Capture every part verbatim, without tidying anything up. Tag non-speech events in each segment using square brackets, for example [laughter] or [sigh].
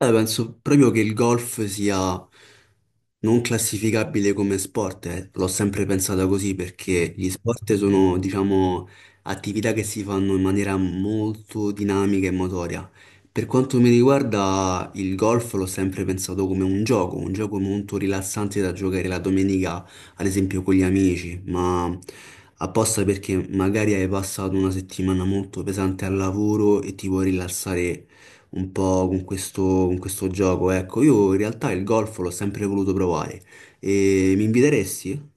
Eh, penso proprio che il golf sia non classificabile come sport, eh. L'ho sempre pensata così perché gli sport sono, diciamo, attività che si fanno in maniera molto dinamica e motoria. Per quanto mi riguarda, il golf l'ho sempre pensato come un gioco, un gioco molto rilassante da giocare la domenica, ad esempio con gli amici, ma apposta perché magari hai passato una settimana molto pesante al lavoro e ti vuoi rilassare un po' con questo, con questo gioco. Ecco, io in realtà il golf l'ho sempre voluto provare. E mi inviteresti?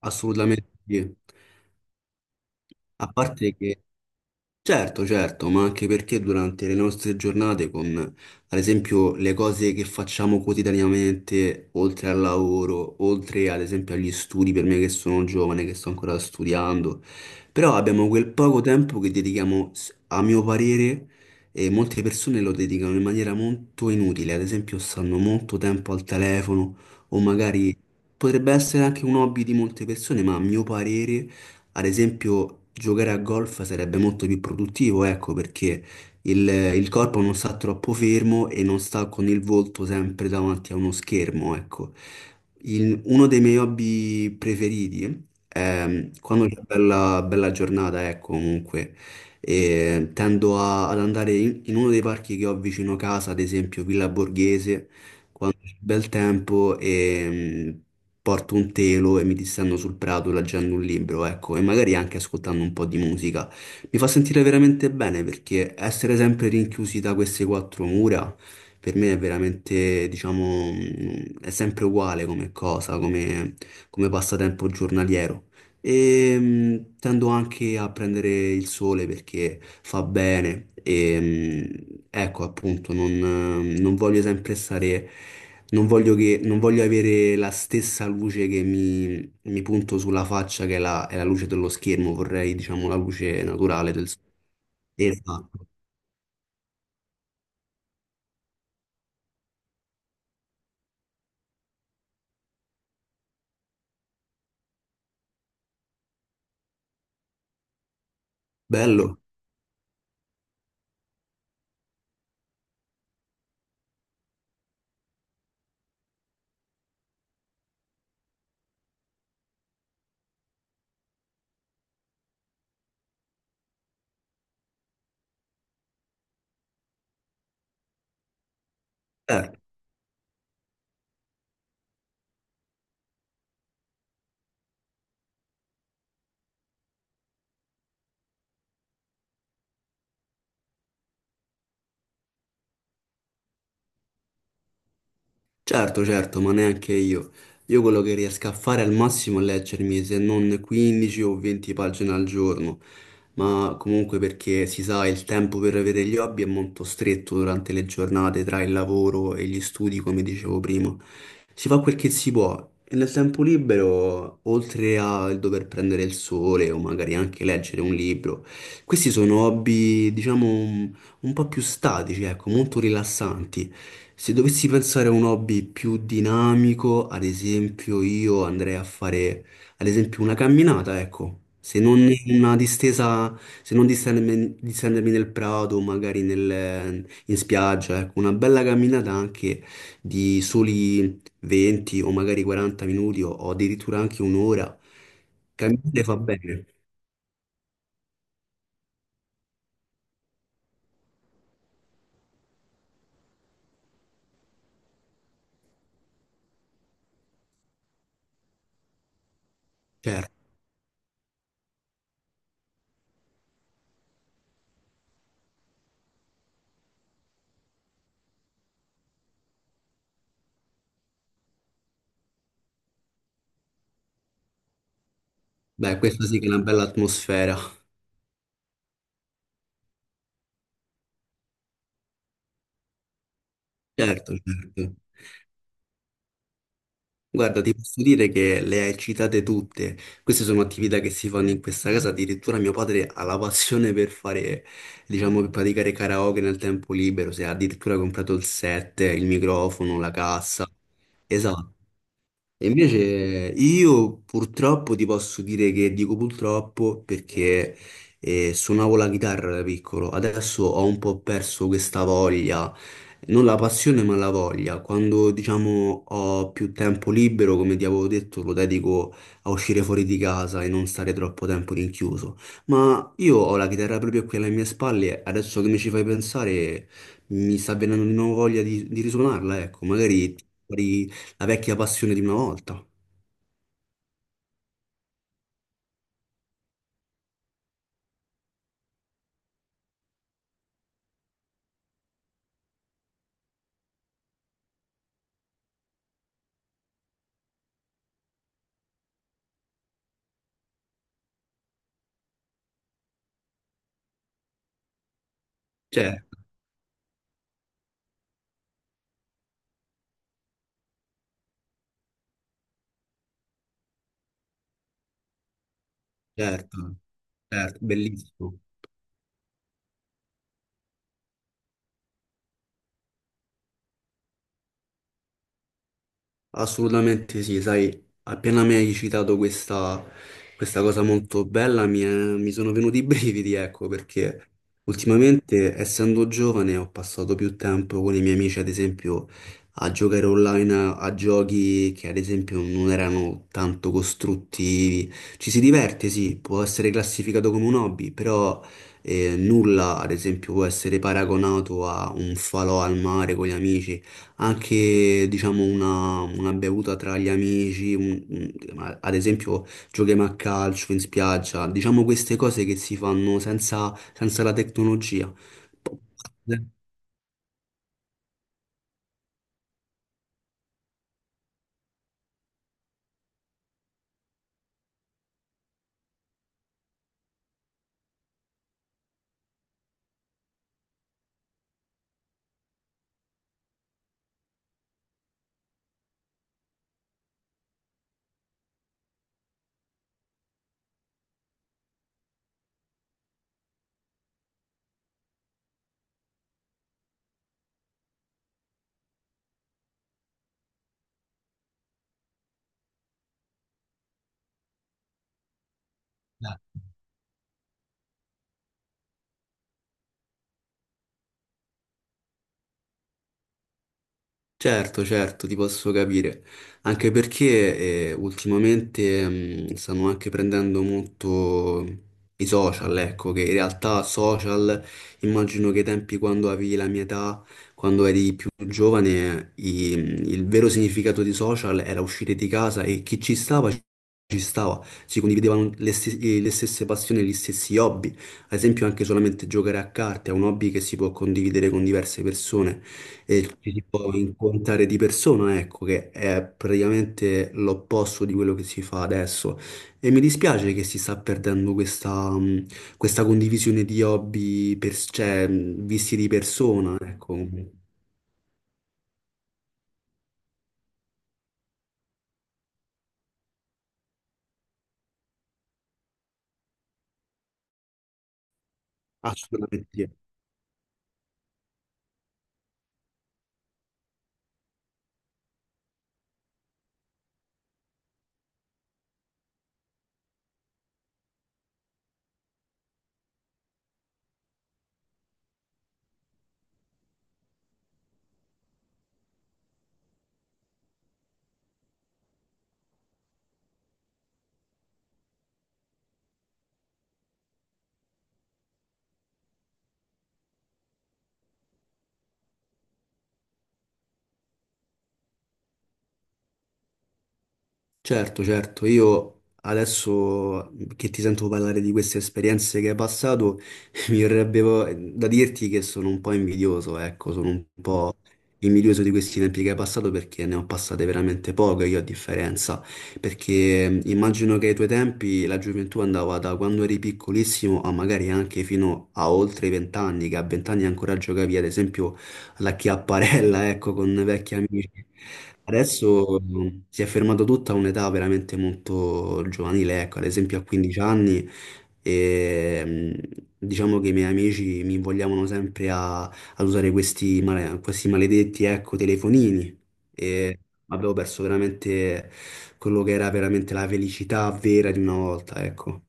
Assolutamente sì. A parte che. Certo, certo, ma anche perché durante le nostre giornate, con ad esempio le cose che facciamo quotidianamente, oltre al lavoro, oltre ad esempio agli studi, per me che sono giovane, che sto ancora studiando, però abbiamo quel poco tempo che dedichiamo, s- a mio parere, e molte persone lo dedicano in maniera molto inutile, ad esempio stanno molto tempo al telefono o magari potrebbe essere anche un hobby di molte persone, ma a mio parere. Ad esempio, giocare a golf sarebbe molto più produttivo, ecco, perché il, il corpo non sta troppo fermo e non sta con il volto sempre davanti a uno schermo, ecco. Il- uno dei miei hobby preferiti è mm, quando c'è bella, bella giornata, ecco, comunque, e tendo a- ad andare in, in uno dei parchi che ho vicino casa, ad esempio Villa Borghese, bel tempo e mh, porto un telo e mi distendo sul prato leggendo un libro, ecco, e magari anche ascoltando un po' di musica. Mi fa sentire veramente bene perché essere sempre rinchiusi da queste quattro mura per me è veramente, diciamo, mh, è sempre uguale come cosa, come, come passatempo giornaliero. E mh, tendo anche a prendere il sole perché fa bene e mh, ecco appunto non, eh, non voglio sempre stare, non voglio che, non voglio avere la stessa luce che mi, mi punto sulla faccia che è la, è la luce dello schermo, vorrei diciamo la luce naturale del sole. Esatto. Bello. Eh. Certo, certo, ma neanche io. Io quello che riesco a fare al massimo è leggermi se non quindici o venti pagine al giorno, ma comunque perché si sa il tempo per avere gli hobby è molto stretto durante le giornate tra il lavoro e gli studi, come dicevo prima. Si fa quel che si può e nel tempo libero, oltre al dover prendere il sole o magari anche leggere un libro, questi sono hobby, diciamo, un po' più statici, ecco, molto rilassanti. Se dovessi pensare a un hobby più dinamico, ad esempio, io andrei a fare, ad esempio, una camminata, ecco. Se non una distesa, se non distendermi, distendermi nel prato, magari nel- in spiaggia, ecco, una bella camminata anche di soli venti o magari quaranta minuti o, o addirittura anche un'ora. Camminare fa bene, certo. Beh, questa sì che è una bella atmosfera. Certo, certo. Guarda, ti posso dire che le hai citate tutte. Queste sono attività che si fanno in questa casa. Addirittura mio padre ha la passione per fare, diciamo, per praticare karaoke nel tempo libero. Si è addirittura comprato il set, il microfono, la cassa. Esatto. E invece io purtroppo ti posso dire che dico purtroppo perché eh, suonavo la chitarra da piccolo, adesso ho un po' perso questa voglia, non la passione ma la voglia. Quando diciamo ho più tempo libero, come ti avevo detto, lo dedico a uscire fuori di casa e non stare troppo tempo rinchiuso. Ma io ho la chitarra proprio qui alle mie spalle, adesso che mi ci fai pensare mi sta venendo di nuovo voglia di, di risuonarla, ecco, magari ti- la vecchia passione di una volta. Certo, certo, certo, bellissimo. Assolutamente sì, sai, appena mi hai citato questa, questa cosa molto bella mi, è- mi sono venuti i [laughs] brividi, ecco, perché ultimamente, essendo giovane, ho passato più tempo con i miei amici, ad esempio, a giocare online a, a giochi che, ad esempio, non erano tanto costruttivi. Ci si diverte, sì, può essere classificato come un hobby, però eh, nulla, ad esempio, può essere paragonato a un falò al mare con gli amici anche diciamo una, una bevuta tra gli amici, un- un- ad esempio giochiamo a calcio in spiaggia, diciamo queste cose che si fanno senza, senza la tecnologia. Eh. Certo, certo, ti posso capire, anche perché eh, ultimamente mh, stanno anche prendendo molto i social, ecco, che in realtà social, immagino che ai tempi quando avevi la mia età, quando eri più giovane, i- il vero significato di social era uscire di casa e chi ci stava, ci stava, si condividevano le, stes- le stesse passioni, gli stessi hobby, ad esempio anche solamente giocare a carte è un hobby che si può condividere con diverse persone e ci si può incontrare di persona, ecco, che è praticamente l'opposto di quello che si fa adesso. E mi dispiace che si sta perdendo questa, mh, questa condivisione di hobby, per- cioè, mh, visti di persona, ecco. Assolutamente. Certo, certo, io adesso mhmm, che ti sento parlare di queste esperienze che hai passato, [laughs] mi verrebbe vo- da dirti che sono un po' invidioso, ecco, sono un po' invidioso di questi tempi che hai passato perché ne ho passate veramente poche io a differenza, perché mh, immagino che ai tuoi tempi la gioventù andava da quando eri piccolissimo a magari anche fino a oltre i vent'anni, che a vent'anni ancora giocavi ad esempio alla chiapparella, ecco, con vecchi amici. Adesso mh, si è fermato tutto a un'età veramente molto giovanile, ecco, ad esempio a quindici anni, e, mh, diciamo che i miei amici mi invogliavano sempre a, ad usare questi, male- questi maledetti, ecco, telefonini e avevo perso veramente quello che era veramente la felicità vera di una volta, ecco.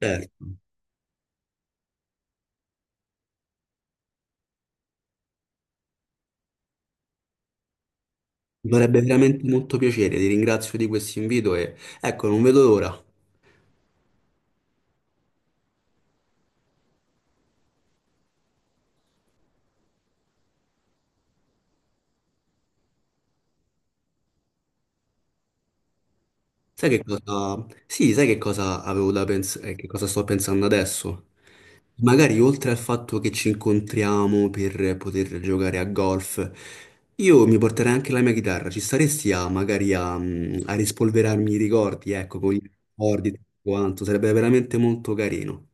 Certo. Mi farebbe veramente molto piacere, ti ringrazio di questo invito e ecco, non vedo l'ora. Sai che cosa? Sì, sai che cosa avevo da pensare, che cosa sto pensando adesso? Magari oltre al fatto che ci incontriamo per poter giocare a golf, io mi porterei anche la mia chitarra. Ci staresti a magari a, mm, a rispolverarmi i ricordi, ecco, con i ricordi e tutto quanto, sarebbe veramente molto carino.